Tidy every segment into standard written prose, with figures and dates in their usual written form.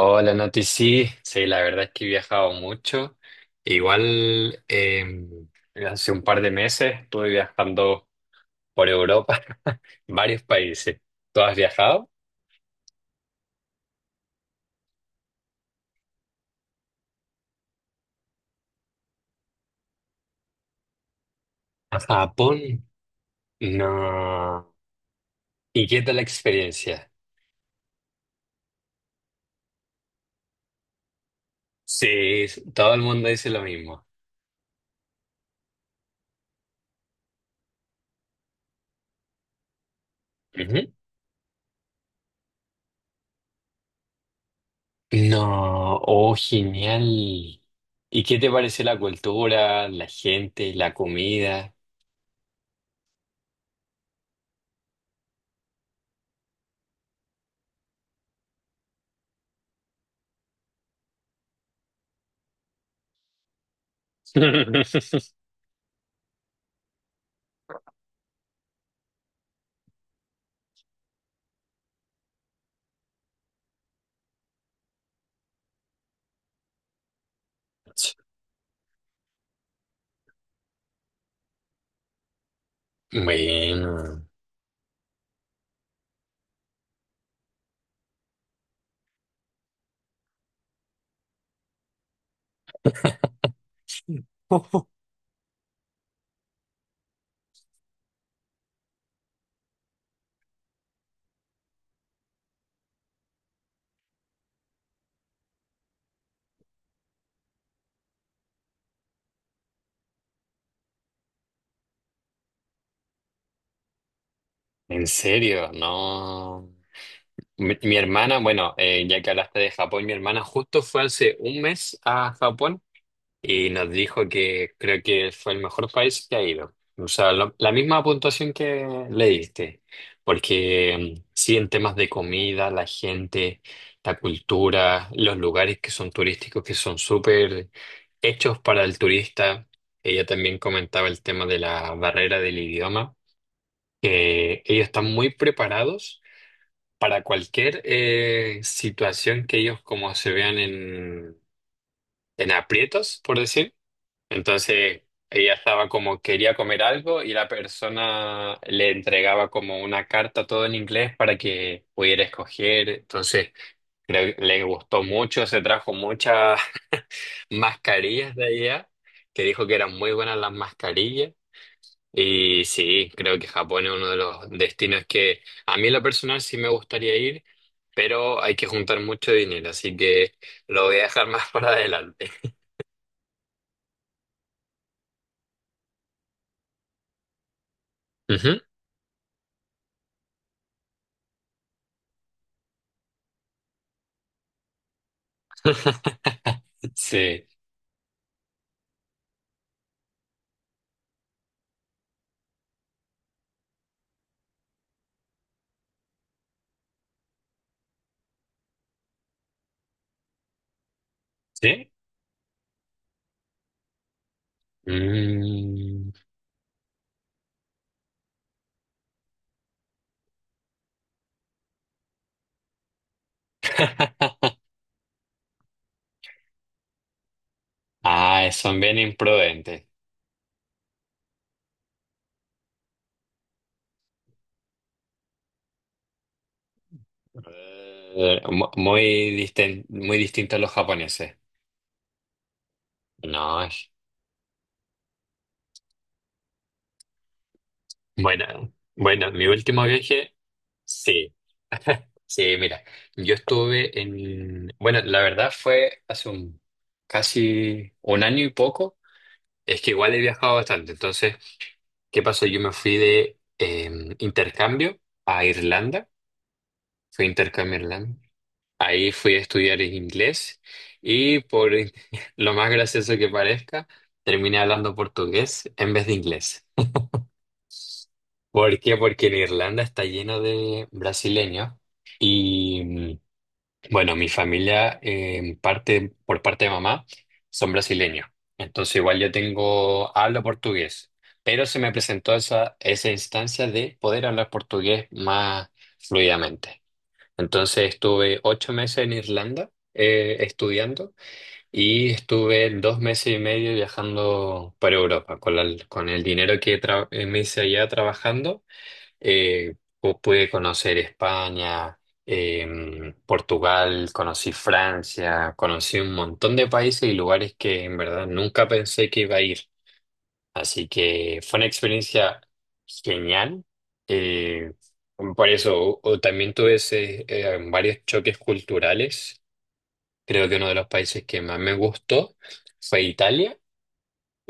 Hola, Nati, sí, sí, la verdad es que he viajado mucho. Igual hace un par de meses estuve viajando por Europa, varios países. ¿Tú has viajado? ¿A Japón? No. ¿Y qué tal la experiencia? Sí, todo el mundo dice lo mismo. Ujú. No, oh, genial. ¿Y qué te parece la cultura, la gente, la comida? Bueno. En serio, no. Mi hermana, bueno, ya que hablaste de Japón, mi hermana justo fue hace un mes a Japón y nos dijo que creo que fue el mejor país que ha ido. O sea, lo- la misma puntuación que le diste, porque sí, en temas de comida, la gente, la cultura, los lugares que son turísticos, que son súper hechos para el turista. Ella también comentaba el tema de la barrera del idioma, que ellos están muy preparados para cualquier situación que ellos como se vean en aprietos, por decir. Entonces, ella estaba como quería comer algo y la persona le entregaba como una carta todo en inglés para que pudiera escoger. Entonces, creo que le gustó mucho, se trajo muchas mascarillas de allá, que dijo que eran muy buenas las mascarillas. Y sí, creo que Japón es uno de los destinos que a mí en lo personal sí me gustaría ir, pero hay que juntar mucho dinero, así que lo voy a dejar más para adelante. Ujú. Sí, sí. Mm. Ah, son bien imprudentes. Eh, mu- Muy, muy distintos a los japoneses. No, bueno, bueno, mi último viaje, sí. Sí, mira, yo estuve bueno, la verdad fue hace casi un año y poco. Es que igual he viajado bastante. Entonces, ¿qué pasó? Yo me fui de intercambio a Irlanda. Fui a intercambio a Irlanda. Ahí fui a estudiar inglés y por lo más gracioso que parezca, terminé hablando portugués en vez de inglés. ¿Por qué? Porque en Irlanda está lleno de brasileños y bueno, mi familia en parte, por parte de mamá son brasileños. Entonces igual yo tengo, hablo portugués, pero se me presentó esa instancia de poder hablar portugués más fluidamente. Entonces estuve 8 meses en Irlanda estudiando y estuve 2 meses y medio viajando por Europa con el dinero que me hice allá trabajando. Eh, Pude conocer España, Portugal, conocí Francia, conocí un montón de países y lugares que en verdad nunca pensé que iba a ir. Así que fue una experiencia genial. Eh, por eso o también tuve varios choques culturales. Creo que uno de los países que más me gustó fue Italia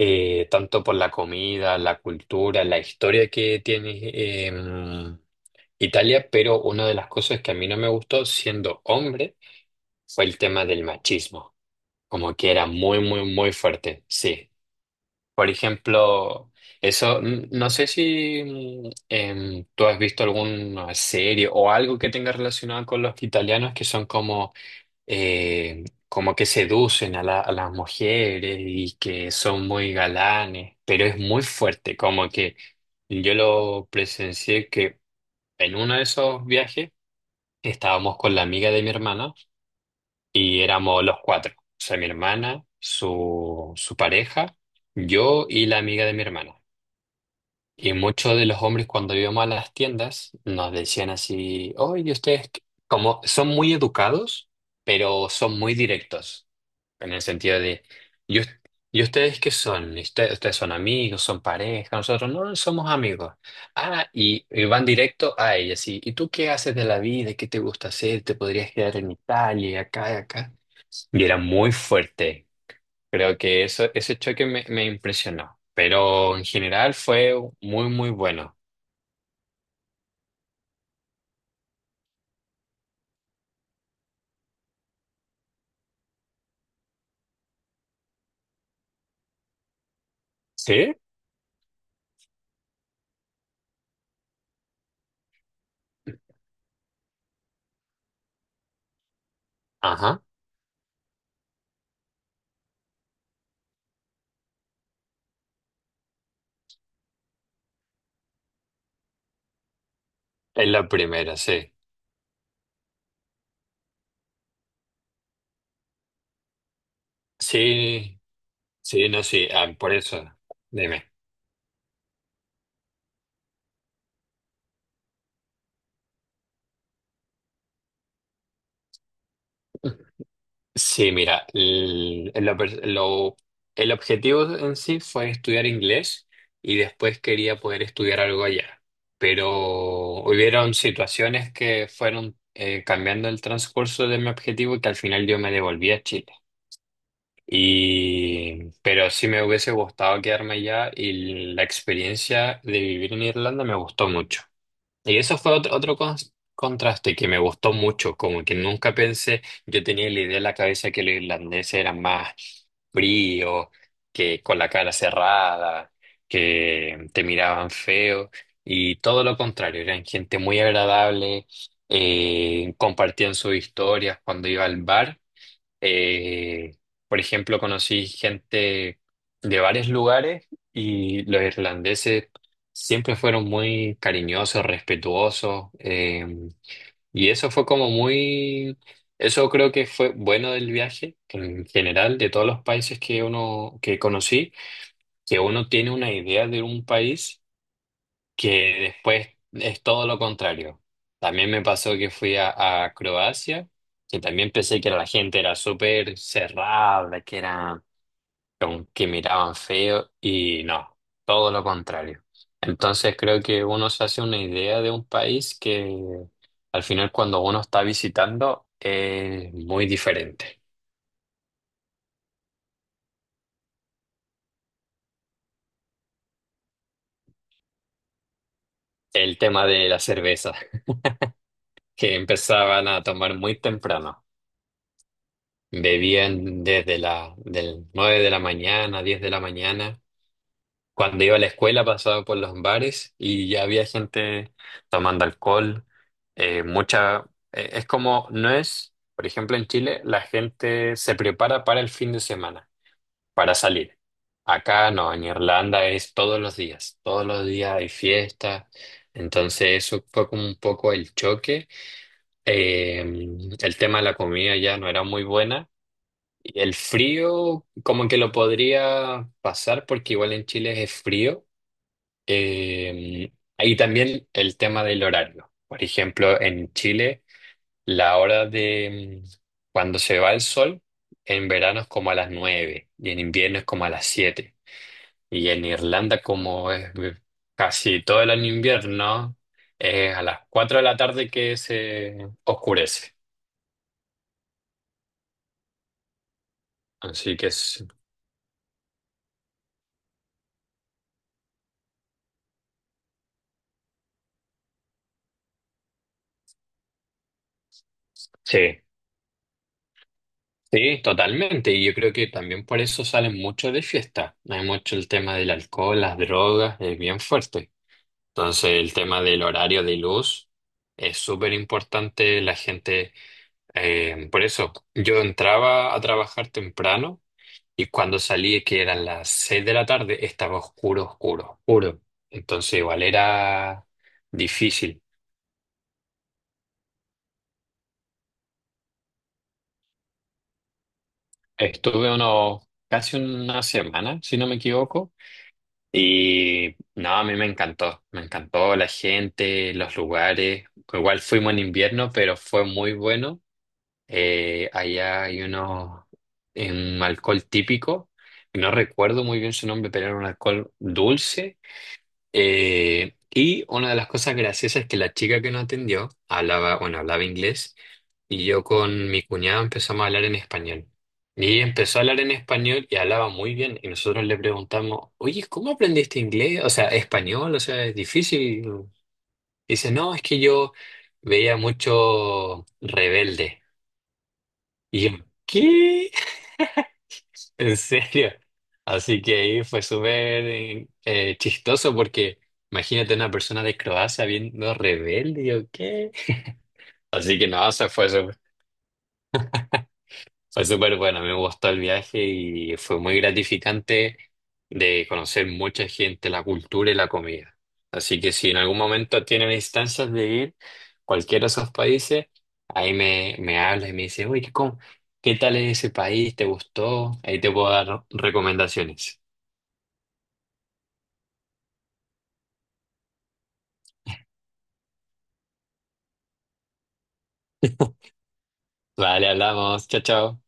tanto por la comida, la cultura, la historia que tiene Italia, pero una de las cosas que a mí no me gustó siendo hombre fue el tema del machismo, como que era muy, muy, muy fuerte, sí. Por ejemplo, eso, no sé si tú has visto alguna serie o algo que tenga relacionado con los italianos que son eh, como que seducen a la- a las mujeres y que son muy galanes, pero es muy fuerte, como que yo lo presencié que en uno de esos viajes. Estábamos con la amiga de mi hermana y éramos los cuatro. O sea, mi hermana, su pareja, yo y la amiga de mi hermana. Y muchos de los hombres cuando íbamos a las tiendas nos decían así, oye, ustedes qué-". Como son muy educados, pero son muy directos, en el sentido de, ¿y, us- y ustedes qué son? ¿Ustedes son amigos, son pareja? Nosotros no somos amigos. Ah, y van directo a ella, así, ¿y tú qué haces de la vida? ¿Qué te gusta hacer? ¿Te podrías quedar en Italia, acá, y acá? Y era muy fuerte. Creo que eso, ese choque me, me impresionó, pero en general fue muy, muy bueno. ¿Sí? Ajá, es la primera, sí. Sí, sí, no, sí, ah, por eso, dime. Sí, mira, el, lo per- lo- el objetivo en sí fue estudiar inglés y después quería poder estudiar algo allá, pero hubieron situaciones que fueron cambiando el transcurso de mi objetivo y que al final yo me devolví a Chile. Y, pero sí me hubiese gustado quedarme allá y la experiencia de vivir en Irlanda me gustó mucho. Y eso fue otro, otro cons- contraste que me gustó mucho, como que nunca pensé, yo tenía la idea en la cabeza que los irlandeses eran más fríos, que con la cara cerrada, que te miraban feo y todo lo contrario, eran gente muy agradable, compartían sus historias cuando iba al bar. Eh, por ejemplo, conocí gente de varios lugares y los irlandeses siempre fueron muy cariñosos, respetuosos. Y eso fue como muy, eso creo que fue bueno del viaje en general, de todos los países que conocí, que uno tiene una idea de un país que después es todo lo contrario. También me pasó que fui a Croacia, que también pensé que la gente era súper cerrada, que era como que miraban feo y no, todo lo contrario. Entonces creo que uno se hace una idea de un país que al final cuando uno está visitando es muy diferente. El tema de la cerveza, que empezaban a tomar muy temprano. Bebían desde del 9 de la mañana, 10 de la mañana. Cuando iba a la escuela pasaba por los bares y ya había gente tomando alcohol. Eh, mucha, es como, no es, por ejemplo, en Chile la gente se prepara para el fin de semana, para salir. Acá no, en Irlanda es todos los días hay fiesta. Entonces eso fue como un poco el choque. Eh, el tema de la comida ya no era muy buena. Y el frío, como que lo podría pasar, porque igual en Chile es frío. Eh, Ahí también el tema del horario. Por ejemplo, en Chile, la hora de cuando se va el sol, en verano es como a las 9 y en invierno es como a las 7. Y en Irlanda, como es casi todo el año invierno, es a las 4 de la tarde que se oscurece. Así que sí. Sí, totalmente. Y yo creo que también por eso salen mucho de fiesta. Hay mucho el tema del alcohol, las drogas, es bien fuerte. Entonces el tema del horario de luz es súper importante. La gente, por eso yo entraba a trabajar temprano y cuando salí, que eran las 6 de la tarde, estaba oscuro, oscuro, oscuro. Entonces igual era difícil. Estuve unos casi una semana, si no me equivoco. Y no, a mí me encantó la gente, los lugares. Igual fuimos en invierno, pero fue muy bueno. Allá hay un alcohol típico, no recuerdo muy bien su nombre, pero era un alcohol dulce y una de las cosas graciosas es que la chica que nos atendió hablaba, bueno, hablaba inglés y yo con mi cuñado empezamos a hablar en español. Y ella empezó a hablar en español y hablaba muy bien. Y nosotros le preguntamos, oye, ¿cómo aprendiste inglés? O sea, español, o sea, es difícil. Dice, no, es que yo veía mucho Rebelde. Y yo, ¿qué? ¿En serio? Así que ahí fue súper chistoso porque imagínate una persona de Croacia viendo Rebelde, ¿o qué? Así que no, o sea, fue súper bueno, me gustó el viaje y fue muy gratificante de conocer mucha gente, la cultura y la comida. Así que si en algún momento tienen instancias de ir a cualquiera de esos países, ahí me, me hablas y me dices, uy, ¿Qué tal es ese país? ¿Te gustó? Ahí te puedo dar recomendaciones. Vale, hablamos. Chao, chao.